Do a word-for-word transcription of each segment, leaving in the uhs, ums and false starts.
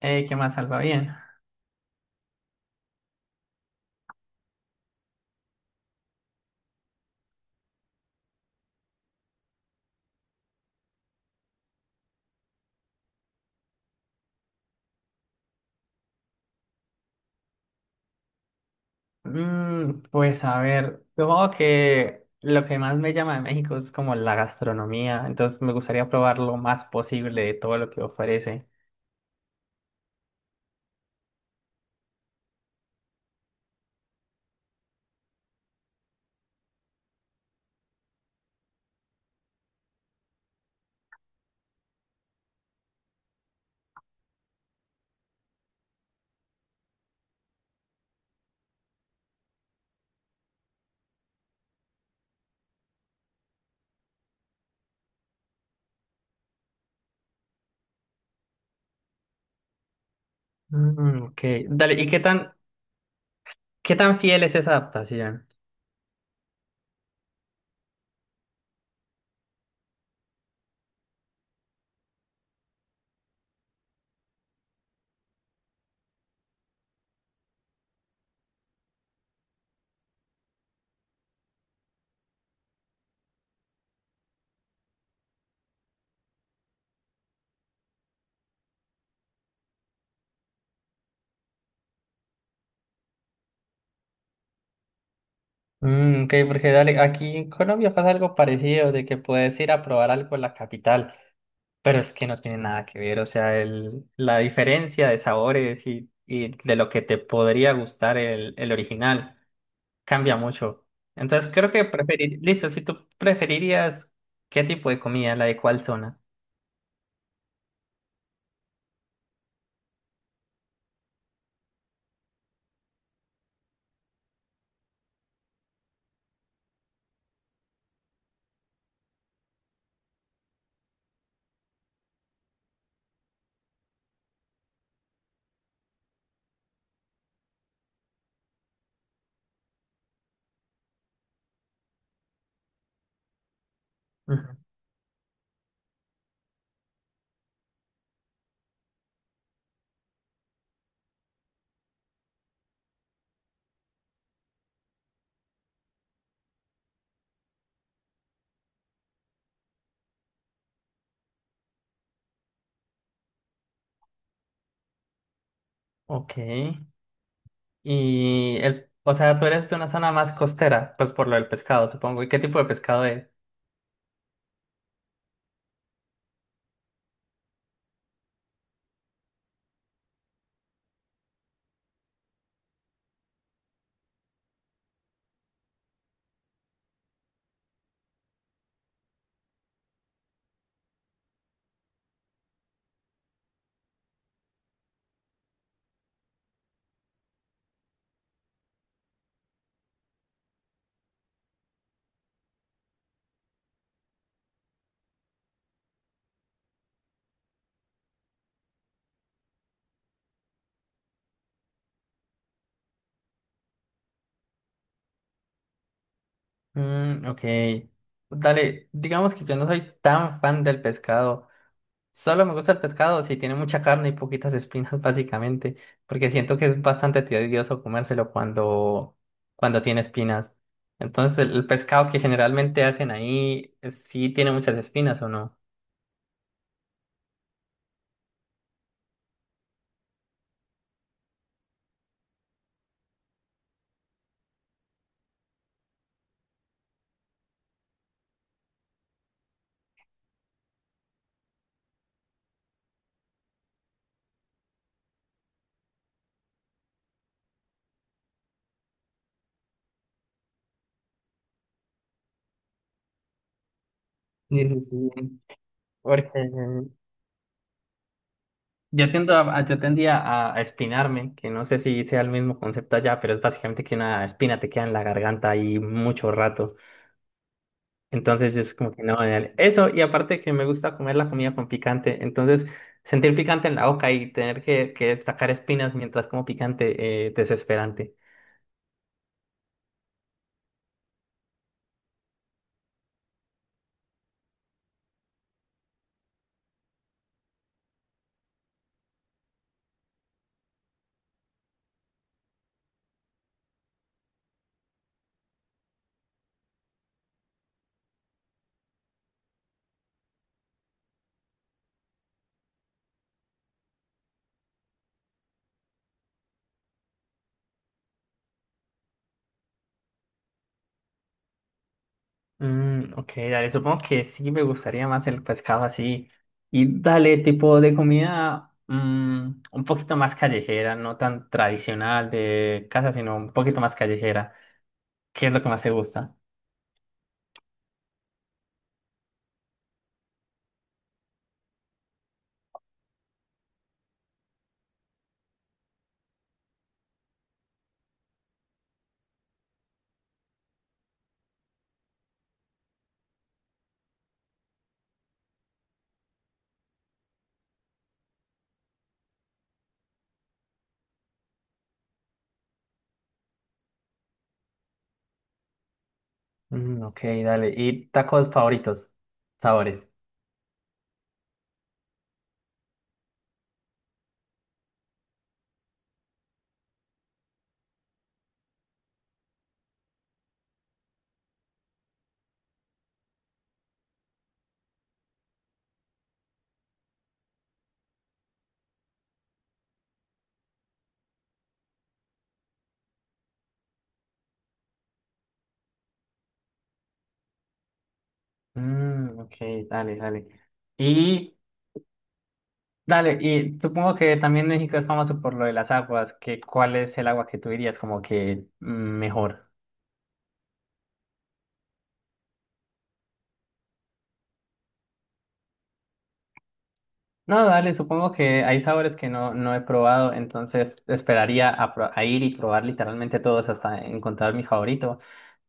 Eh, ¿qué más Salva? Bien. Mm, pues a ver, supongo que lo que más me llama de México es como la gastronomía, entonces me gustaría probar lo más posible de todo lo que ofrece. Mm, ok, dale, ¿y qué tan, qué tan fiel es esa adaptación? Mm, ok, porque dale, aquí en Colombia pasa algo parecido, de que puedes ir a probar algo en la capital, pero es que no tiene nada que ver, o sea, el, la diferencia de sabores y, y de lo que te podría gustar el, el original cambia mucho. Entonces creo que preferir, listo, si tú preferirías qué tipo de comida, la de cuál zona. Ujú. Ok. Y el, o sea, tú eres de una zona más costera, pues por lo del pescado, supongo. ¿Y qué tipo de pescado es? Mm, ok. Dale, digamos que yo no soy tan fan del pescado. Solo me gusta el pescado si tiene mucha carne y poquitas espinas, básicamente, porque siento que es bastante tedioso comérselo cuando, cuando tiene espinas. Entonces, el, el pescado que generalmente hacen ahí, eh, ¿sí tiene muchas espinas o no? Sí, sí, sí. Porque yo tiendo a, a- yo tendía a, a espinarme, que no sé si sea el mismo concepto allá, pero es básicamente que una espina te queda en la garganta ahí mucho rato. Entonces es como que no, dale. Eso, y aparte que me gusta comer la comida con picante, entonces sentir picante en la boca y tener que, que sacar espinas mientras como picante, eh, desesperante. Mm, ok, dale, supongo que sí me gustaría más el pescado así. Y dale, tipo de comida mm, un poquito más callejera, no tan tradicional de casa, sino un poquito más callejera. ¿Qué es lo que más te gusta? Mm, ok, dale. ¿Y tacos favoritos? Sabores. Mm, ok, dale, dale. Y dale, y supongo que también México es famoso por lo de las aguas, ¿que cuál es el agua que tú dirías como que mm, mejor? No, dale, supongo que hay sabores que no, no he probado, entonces esperaría a, pro- a ir y probar literalmente todos hasta encontrar mi favorito.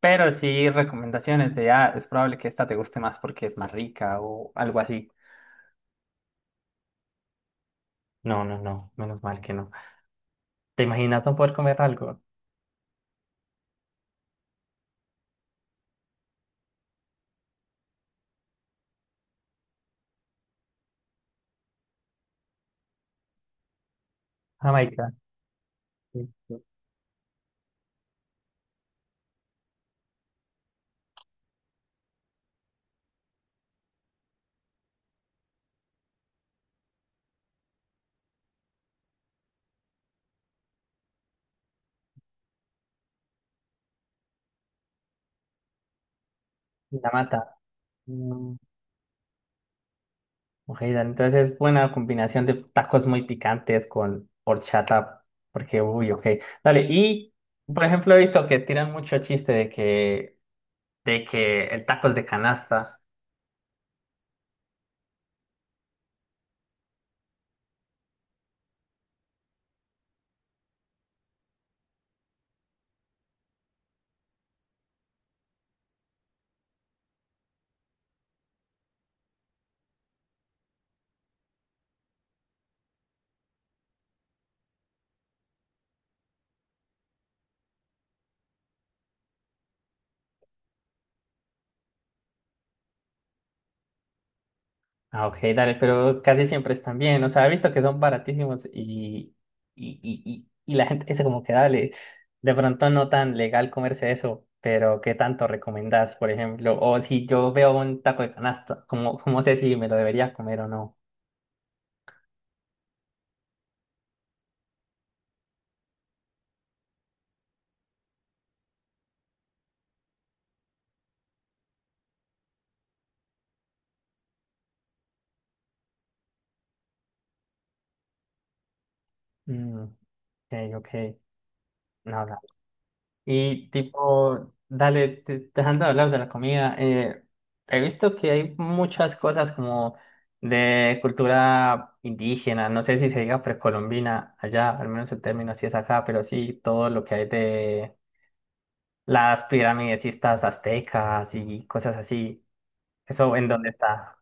Pero sí recomendaciones de, ah, es probable que esta te guste más porque es más rica o algo así. No, no, no, menos mal que no. ¿Te imaginas no poder comer algo? Jamaica, sí, sí, la mata. Mm, ok, dale, entonces es buena combinación de tacos muy picantes con horchata, porque, uy, ok. Dale, y por ejemplo he visto que tiran mucho chiste de que de que el tacos de canasta. Ah, ok, dale, pero casi siempre están bien. O sea, he visto que son baratísimos y, y, y, y, y la gente dice como que dale, de pronto no tan legal comerse eso, pero ¿qué tanto recomendás, por ejemplo? O si yo veo un taco de canasta, ¿cómo, cómo sé si me lo debería comer o no? Mm, ok, ok. No, y tipo, dale, este, dejando de hablar de la comida, eh, he visto que hay muchas cosas como de cultura indígena, no sé si se diga precolombina allá, al menos el término así es acá, pero sí todo lo que hay de las pirámides y estas aztecas y cosas así, eso en dónde está.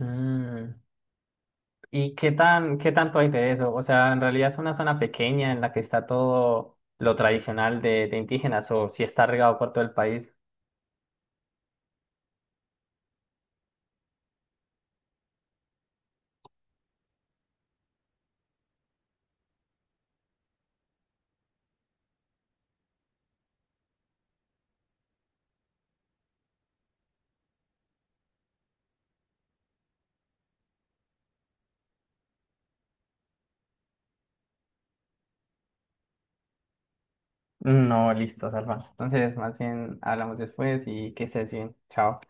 Mm, ¿Y qué tan, qué tanto hay de eso? O sea, en realidad es una zona pequeña en la que está todo lo tradicional de, de indígenas o si está regado por todo el país. No, listo, Salva. Entonces, más bien hablamos después y que estés bien. Chao.